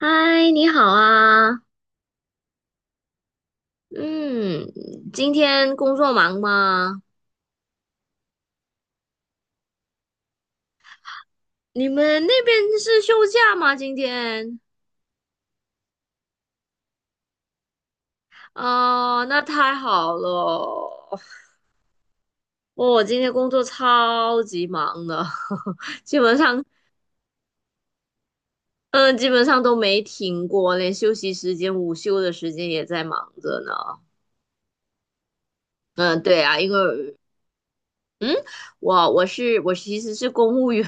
嗨，你好啊。嗯，今天工作忙吗？你们那边是休假吗？今天？哦，那太好了。哦，我今天工作超级忙的，基本上，嗯、基本上都没停过，连休息时间、午休的时间也在忙着呢。嗯，对啊，因为我其实是公务员。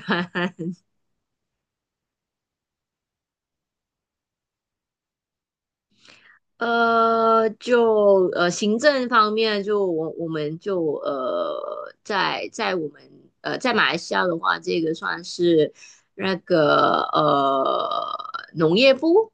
就行政方面，就我们在在我们呃在马来西亚的话，这个算是那个呃农业部。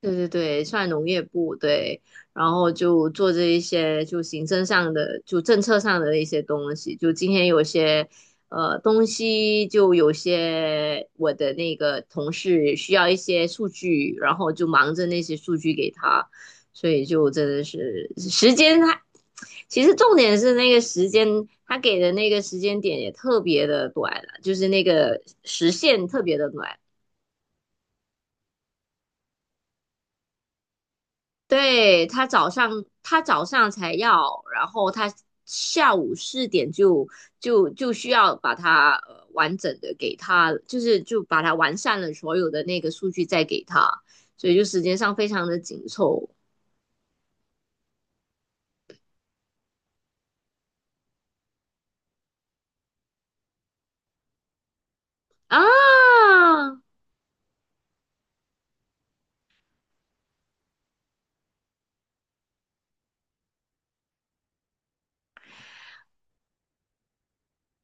对对对，算农业部对。然后就做这一些就行政上的，就政策上的一些东西。就今天有些东西，就有些我的那个同事需要一些数据，然后就忙着那些数据给他，所以就真的是时间，其实重点是那个时间，他给的那个时间点也特别的短了，就是那个时限特别的短。对，他早上才要，然后他下午4点就需要把它完整的给他，就是就把它完善了所有的那个数据再给他，所以就时间上非常的紧凑啊。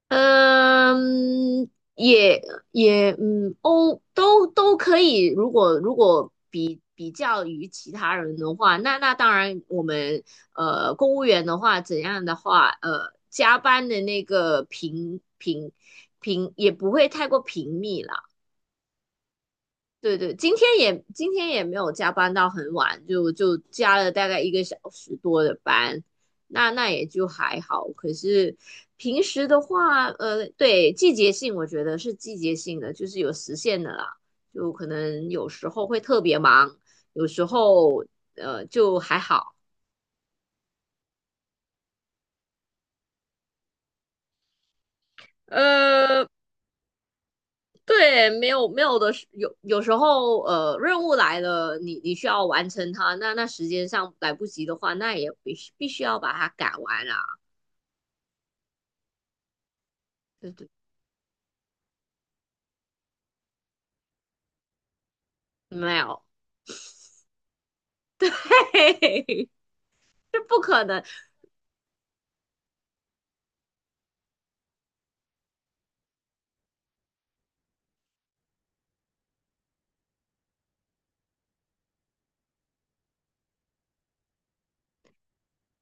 嗯，也也都可以。如果比较于其他人的话，那当然，我们公务员的话，怎样的话，加班的那个频也不会太过频密啦。对对，今天也没有加班到很晚，就加了大概1个小时多的班，那也就还好。可是平时的话，对，季节性我觉得是季节性的，就是有时限的啦，就可能有时候会特别忙，有时候就还好。呃，对，没有没有的时，有时候，任务来了，你需要完成它，那时间上来不及的话，那也必须要把它赶完啊。对对，没有，嘿嘿嘿，这不可能。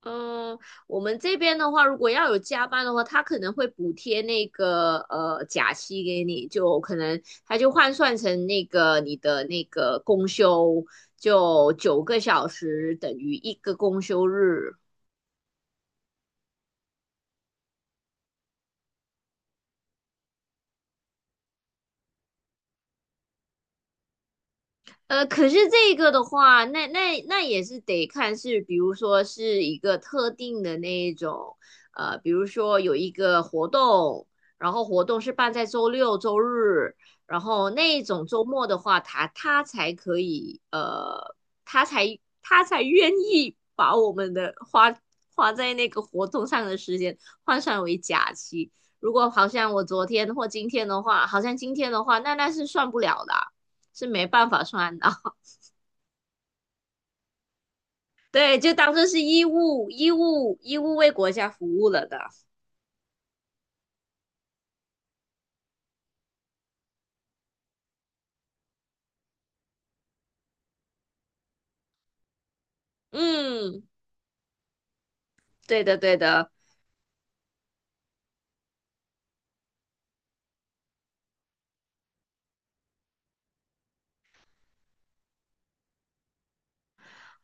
嗯，我们这边的话，如果要有加班的话，他可能会补贴那个假期给你，就可能他就换算成那个你的那个公休，就9个小时等于一个公休日。可是这个的话，那也是得看是，比如说是一个特定的那一种，比如说有一个活动，然后活动是办在周六、周日，然后那一种周末的话，他才可以，他才愿意把我们的花在那个活动上的时间换算为假期。如果好像我昨天或今天的话，好像今天的话，那是算不了的啊，是没办法算的。对，就当做是义务，义务，义务为国家服务了的。嗯，对的，对的。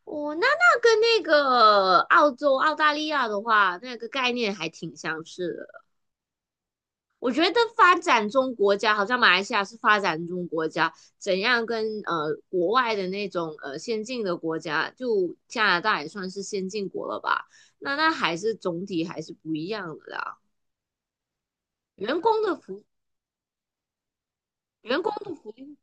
哦，那跟那个澳洲、澳大利亚的话，那个概念还挺相似的。我觉得发展中国家，好像马来西亚是发展中国家，怎样跟国外的那种先进的国家，就加拿大也算是先进国了吧？那还是总体还是不一样的啦。员工的福，员工的福利。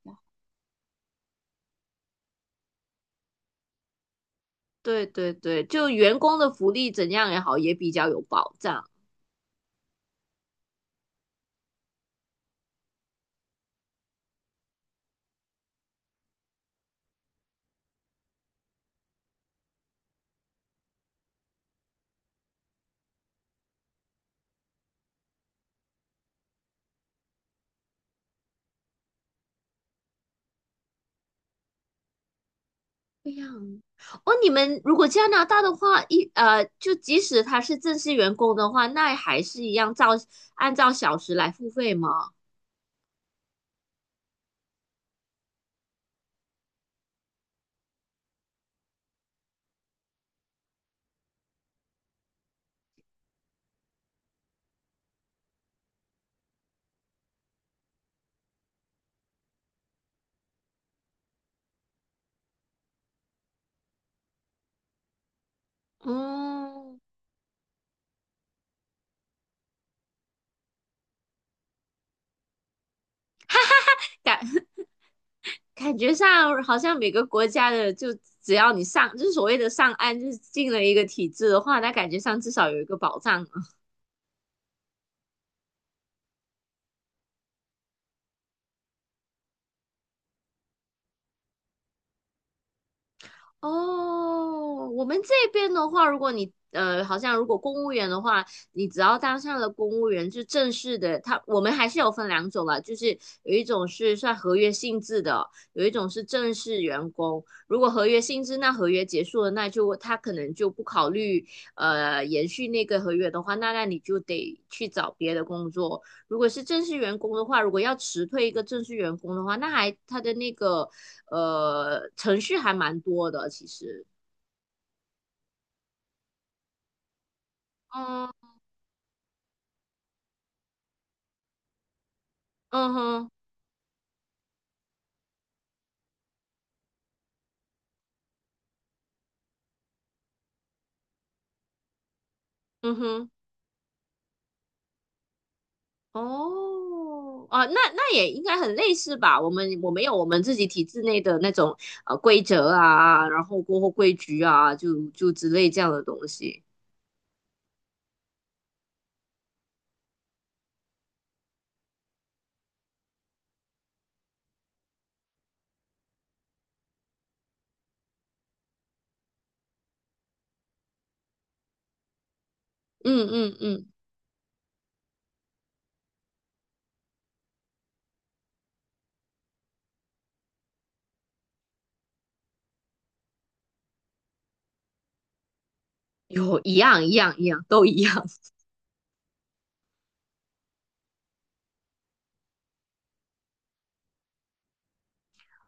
对对对，就员工的福利怎样也好，也比较有保障。这样哦，你们如果加拿大的话，就即使他是正式员工的话，那还是一样按照小时来付费吗？嗯，感 感觉上好像每个国家的，就只要你上，就是所谓的上岸，就是进了一个体制的话，那感觉上至少有一个保障。哦，我们这边的话，如果你好像如果公务员的话，你只要当上了公务员，就正式的，我们还是有分2种啦，就是有一种是算合约性质的，有一种是正式员工。如果合约性质，那合约结束了，那就他可能就不考虑延续那个合约的话，那你就得去找别的工作。如果是正式员工的话，如果要辞退一个正式员工的话，那还他的那个呃，程序还蛮多的，其实。嗯嗯哼嗯哼，哦啊，那也应该很类似吧？我们有我们自己体制内的那种规则啊，然后过后规矩啊，就之类这样的东西。嗯嗯嗯，有一样一样一样都一样。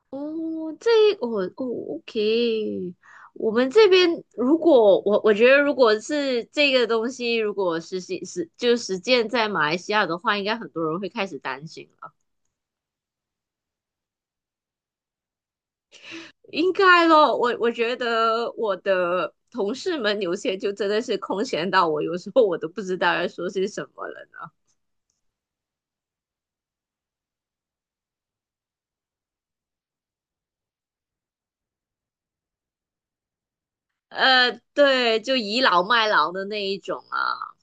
哦，哦哦，OK，我们这边如果我觉得如果是这个东西，如果实行实就实践在马来西亚的话，应该很多人会开始担心了。应该咯，我觉得我的同事们有些就真的是空闲到我，有时候我都不知道要说些什么了呢。对，就倚老卖老的那一种啊，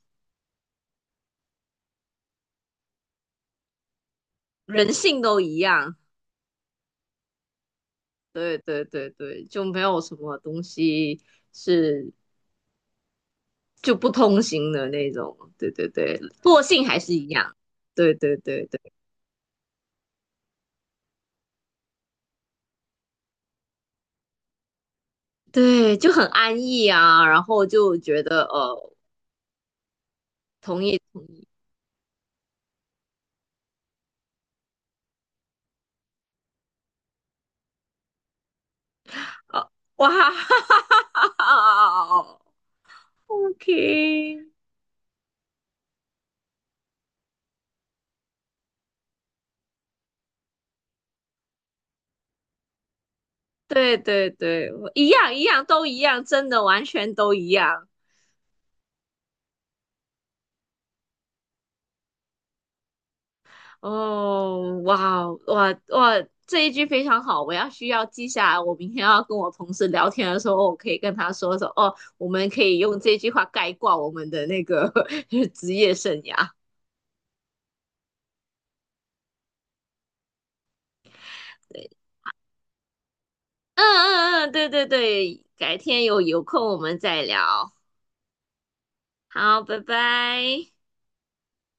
人性都一样。对对对对，就没有什么东西是就不通行的那种。对对对，惰性还是一样。对对对对对，就很安逸啊，然后就觉得同意同意。哦，哇哈哈哈，OK，对对对，一样一样都一样，真的完全都一样。哦，哇，哦，哇哇！这一句非常好，我需要记下来。我明天要跟我同事聊天的时候，哦我可以跟他说说哦，我们可以用这句话概括我们的那个 职业生涯。对，嗯嗯嗯，对对对，改天有空我们再聊。好，拜拜。